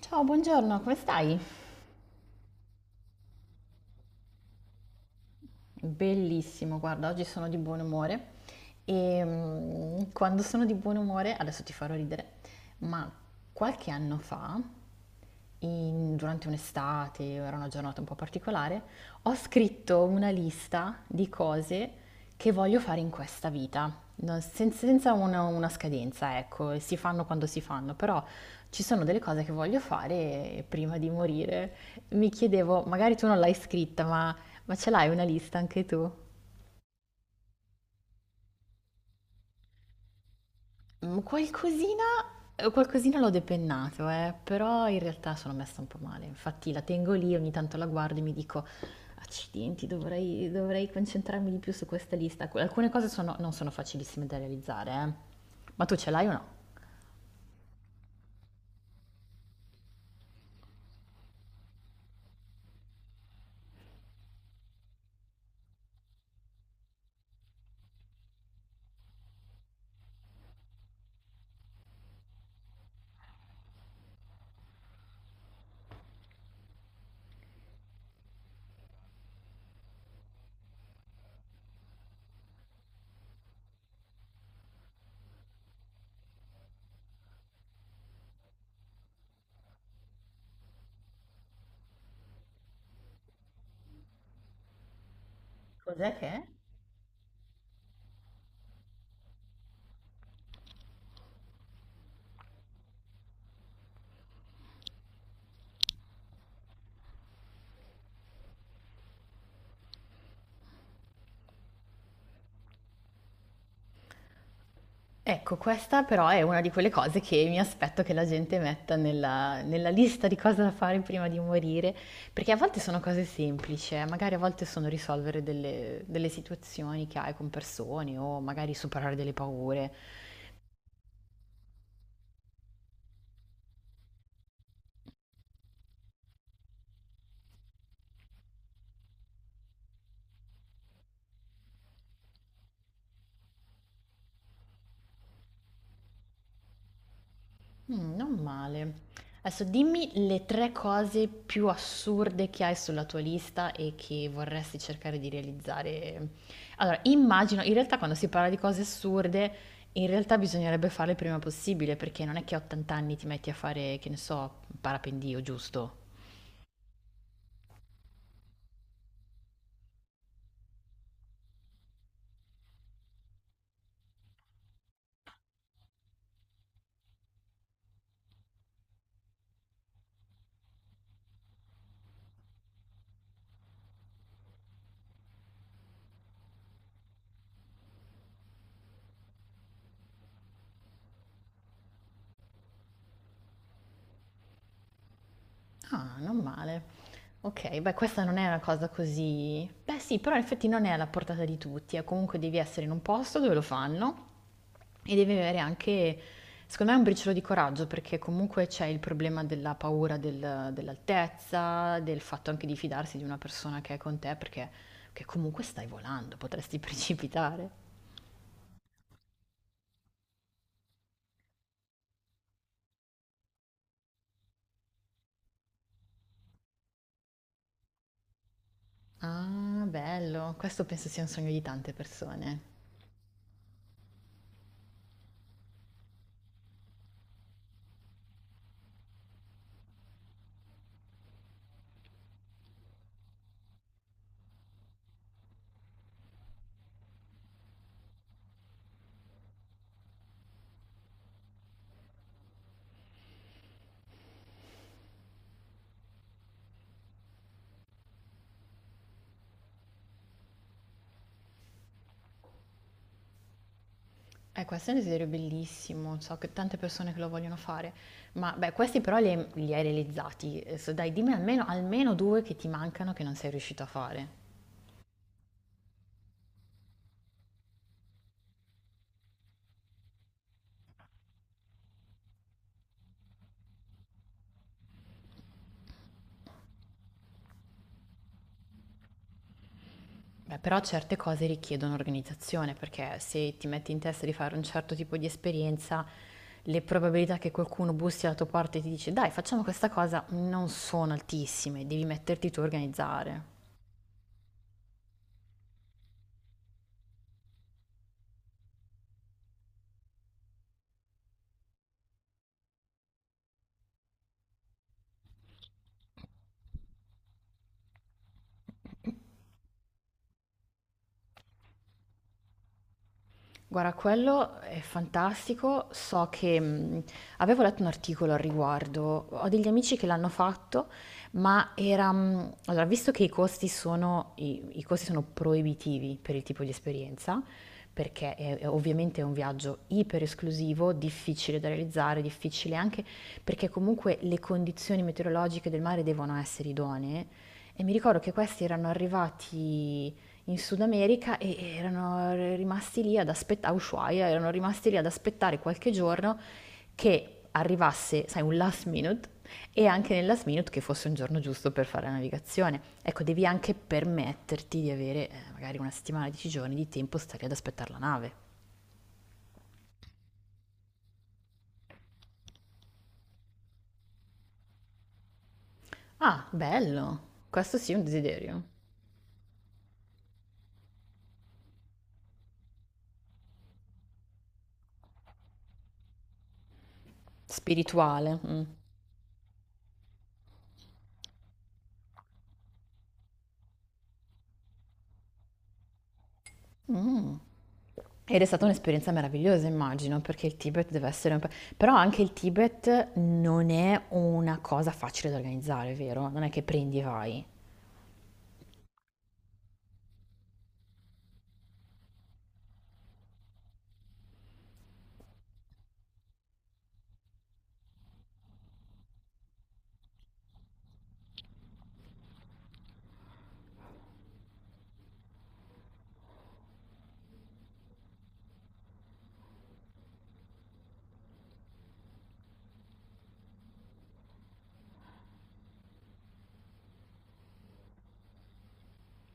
Ciao, buongiorno, come stai? Bellissimo, guarda, oggi sono di buon umore e quando sono di buon umore, adesso ti farò ridere, ma qualche anno fa, durante un'estate, era una giornata un po' particolare, ho scritto una lista di cose che voglio fare in questa vita, senza una scadenza, ecco, e si fanno quando si fanno, però ci sono delle cose che voglio fare prima di morire. Mi chiedevo, magari tu non l'hai scritta, ma ce l'hai una lista anche tu? Mm, qualcosina, qualcosina l'ho depennato, però in realtà sono messa un po' male. Infatti la tengo lì, ogni tanto la guardo e mi dico, accidenti, dovrei concentrarmi di più su questa lista. Non sono facilissime da realizzare, eh. Ma tu ce l'hai o no? Cos'è che? È? Ecco, questa però è una di quelle cose che mi aspetto che la gente metta nella lista di cose da fare prima di morire, perché a volte sono cose semplici, magari a volte sono risolvere delle situazioni che hai con persone o magari superare delle paure. Non male. Adesso dimmi le 3 cose più assurde che hai sulla tua lista e che vorresti cercare di realizzare. Allora, immagino in realtà quando si parla di cose assurde, in realtà bisognerebbe farle il prima possibile, perché non è che a 80 anni ti metti a fare, che ne so, parapendio, giusto? Ah, non male. Ok, beh, questa non è una cosa così... Beh, sì, però in effetti non è alla portata di tutti, comunque devi essere in un posto dove lo fanno e devi avere anche, secondo me, un briciolo di coraggio, perché comunque c'è il problema della paura dell'altezza, del fatto anche di fidarsi di una persona che è con te, perché che comunque stai volando, potresti precipitare. Ah, bello, questo penso sia un sogno di tante persone. Questo è un desiderio bellissimo, so che tante persone che lo vogliono fare, ma beh, questi però li hai realizzati. Adesso dai, dimmi almeno due che ti mancano che non sei riuscito a fare. Beh, però certe cose richiedono organizzazione, perché se ti metti in testa di fare un certo tipo di esperienza, le probabilità che qualcuno bussi alla tua porta e ti dice dai, facciamo questa cosa non sono altissime, devi metterti tu a organizzare. Guarda, quello è fantastico. So che avevo letto un articolo al riguardo, ho degli amici che l'hanno fatto, ma era... allora, visto che i costi sono, i costi sono proibitivi per il tipo di esperienza, perché è ovviamente è un viaggio iper esclusivo, difficile da realizzare, difficile anche perché comunque le condizioni meteorologiche del mare devono essere idonee. E mi ricordo che questi erano arrivati in Sud America e erano rimasti lì ad aspettare, Ushuaia, erano rimasti lì ad aspettare qualche giorno che arrivasse, sai, un last minute e anche nel last minute che fosse un giorno giusto per fare la navigazione. Ecco, devi anche permetterti di avere magari una settimana, 10 giorni di tempo stare ad aspettare la nave. Ah, bello! Questo sì è un desiderio spirituale. Mm. Mh. Ed è stata un'esperienza meravigliosa immagino, perché il Tibet deve essere un pa però anche il Tibet non è una cosa facile da organizzare, vero? Non è che prendi e vai.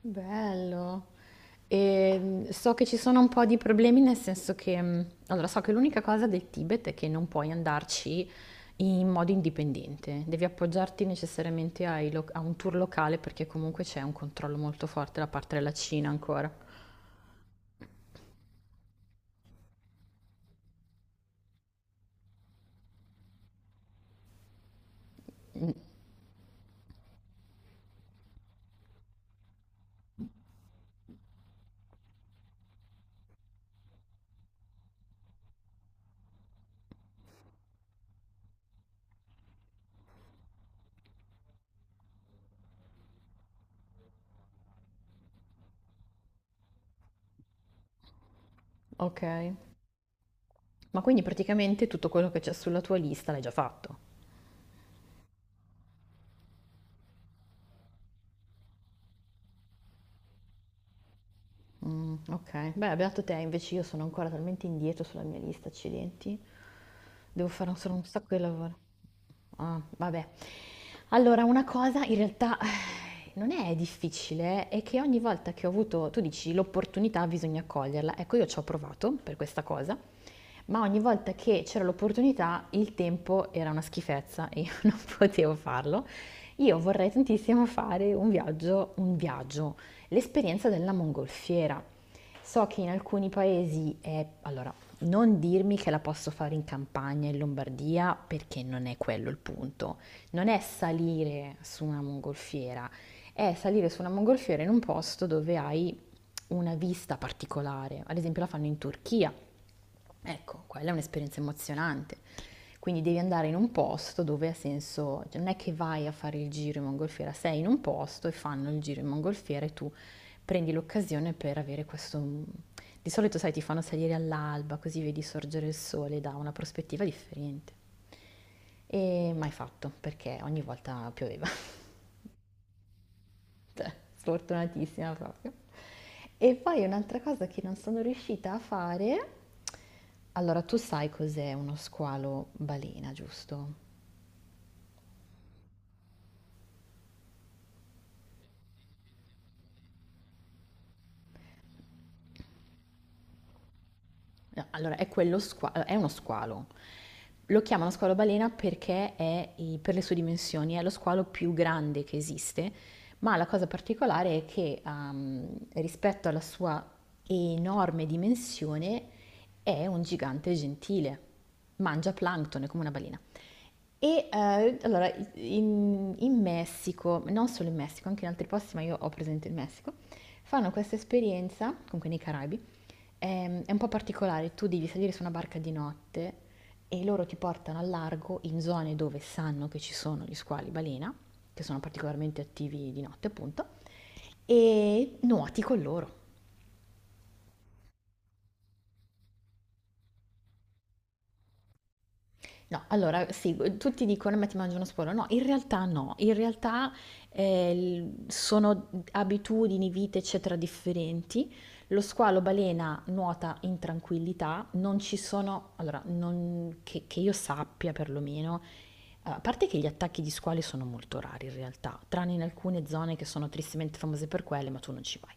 Bello. So che ci sono un po' di problemi nel senso che, mhmm, allora so che l'unica cosa del Tibet è che non puoi andarci in modo indipendente, devi appoggiarti necessariamente ai loc a un tour locale perché comunque c'è un controllo molto forte da parte della Cina ancora. Mh, okay. Ma quindi praticamente tutto quello che c'è sulla tua lista l'hai già fatto? Mm, ok, beh, beato te, invece io sono ancora talmente indietro sulla mia lista, accidenti. Devo fare ancora un sacco di lavoro. Ah, vabbè. Allora, una cosa in realtà non è difficile, è che ogni volta che ho avuto, tu dici, l'opportunità bisogna coglierla. Ecco, io ci ho provato per questa cosa. Ma ogni volta che c'era l'opportunità, il tempo era una schifezza e io non potevo farlo. Io vorrei tantissimo fare un viaggio, l'esperienza della mongolfiera. So che in alcuni paesi è... Allora, non dirmi che la posso fare in campagna, in Lombardia, perché non è quello il punto. Non è salire su una mongolfiera, è salire su una mongolfiera in un posto dove hai una vista particolare. Ad esempio la fanno in Turchia, ecco, quella è un'esperienza emozionante. Quindi devi andare in un posto dove ha senso, cioè, non è che vai a fare il giro in mongolfiera, sei in un posto e fanno il giro in mongolfiera e tu prendi l'occasione per avere questo... mm, di solito, sai, ti fanno salire all'alba, così vedi sorgere il sole da una prospettiva differente. E mai fatto, perché ogni volta pioveva. Cioè, sfortunatissima proprio. E poi un'altra cosa che non sono riuscita a fare, allora tu sai cos'è uno squalo balena, giusto? No, allora è quello squalo, è uno squalo. Lo chiamano squalo balena perché per le sue dimensioni è lo squalo più grande che esiste, ma la cosa particolare è che rispetto alla sua enorme dimensione è un gigante gentile, mangia plancton, è come una balena. E allora, in Messico, non solo in Messico, anche in altri posti, ma io ho presente il Messico, fanno questa esperienza, comunque nei Caraibi, è un po' particolare, tu devi salire su una barca di notte e loro ti portano al largo in zone dove sanno che ci sono gli squali balena, che sono particolarmente attivi di notte appunto, e nuoti con loro. No, allora sì, tutti dicono: "Ma ti mangi uno sporo". No, in realtà no, in realtà, sono abitudini, vite, eccetera, differenti. Lo squalo balena nuota in tranquillità, non ci sono allora, non che io sappia perlomeno, eh, a parte che gli attacchi di squali sono molto rari in realtà, tranne in alcune zone che sono tristemente famose per quelle, ma tu non ci vai.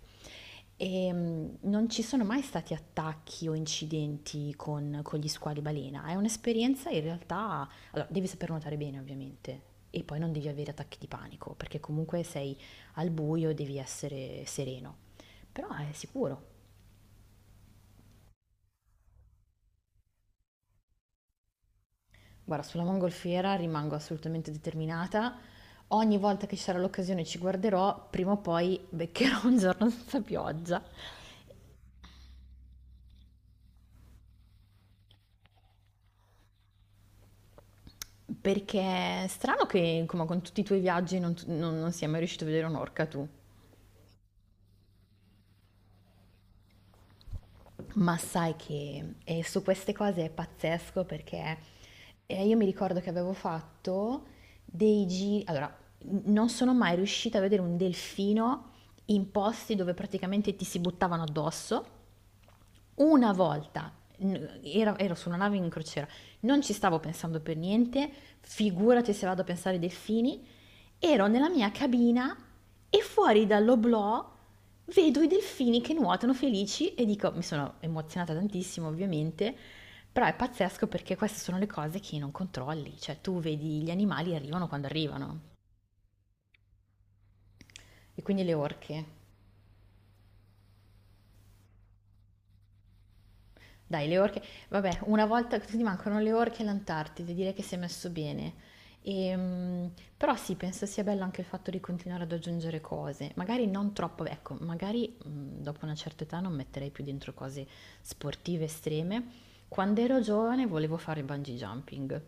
E non ci sono mai stati attacchi o incidenti con gli squali balena. È un'esperienza in realtà. Allora, devi saper nuotare bene, ovviamente, e poi non devi avere attacchi di panico, perché comunque sei al buio e devi essere sereno. Però è sicuro. Guarda, sulla mongolfiera rimango assolutamente determinata. Ogni volta che ci sarà l'occasione ci guarderò, prima o poi beccherò un giorno senza pioggia. Perché è strano che, come con tutti i tuoi viaggi, non, tu- non- non sia mai riuscito a vedere un'orca tu. Ma sai che su queste cose è pazzesco perché io mi ricordo che avevo fatto dei giri, allora non sono mai riuscita a vedere un delfino in posti dove praticamente ti si buttavano addosso. Una volta ero su una nave in crociera, non ci stavo pensando per niente, figurati se vado a pensare ai delfini. Ero nella mia cabina e fuori dall'oblò vedo i delfini che nuotano felici e dico, mi sono emozionata tantissimo ovviamente, però è pazzesco perché queste sono le cose che non controlli, cioè tu vedi gli animali arrivano quando arrivano e quindi le orche. Dai, le orche, vabbè, una volta che ti mancano le orche e l'Antartide, direi che si è messo bene. Però sì, penso sia bello anche il fatto di continuare ad aggiungere cose, magari non troppo, ecco, magari dopo una certa età non metterei più dentro cose sportive estreme. Quando ero giovane volevo fare bungee jumping.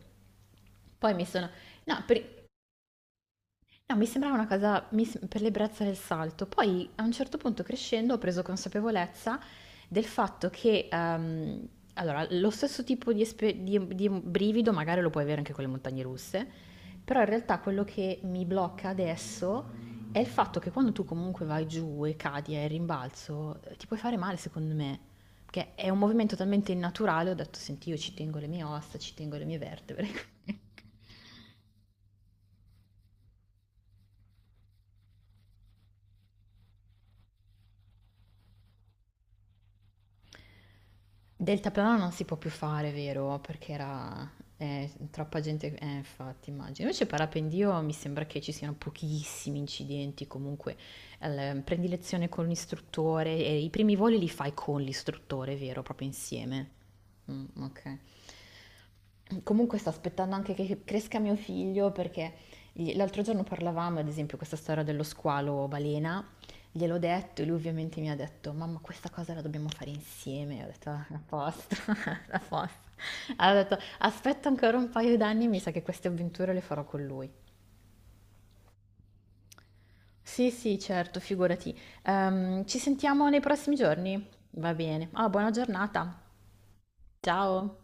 Poi mi sono... No, per- No, mi sembrava una cosa per l'ebbrezza del salto. Poi a un certo punto crescendo ho preso consapevolezza del fatto che, allora, lo stesso tipo di brivido magari lo puoi avere anche con le montagne russe, però in realtà quello che mi blocca adesso è il fatto che quando tu comunque vai giù e cadi e rimbalzo, ti puoi fare male secondo me, perché è un movimento talmente innaturale, ho detto, senti, io ci tengo le mie ossa, ci tengo le mie vertebre. Deltaplano non si può più fare, vero? Perché era troppa gente, infatti, immagino. Invece parapendio mi sembra che ci siano pochissimi incidenti, comunque prendi lezione con l'istruttore e i primi voli li fai con l'istruttore, vero? Proprio insieme. Mm, ok. Comunque sto aspettando anche che cresca mio figlio perché l'altro giorno parlavamo, ad esempio, questa storia dello squalo balena. Gliel'ho detto e lui ovviamente mi ha detto: "Mamma questa cosa la dobbiamo fare insieme". E ho detto: "Ah, a posto, a posto". Allora ho detto: "Aspetta ancora un paio d'anni, mi sa che queste avventure le farò con lui". Sì, sì, certo, figurati. Ci sentiamo nei prossimi giorni? Va bene. Ah, buona giornata. Ciao.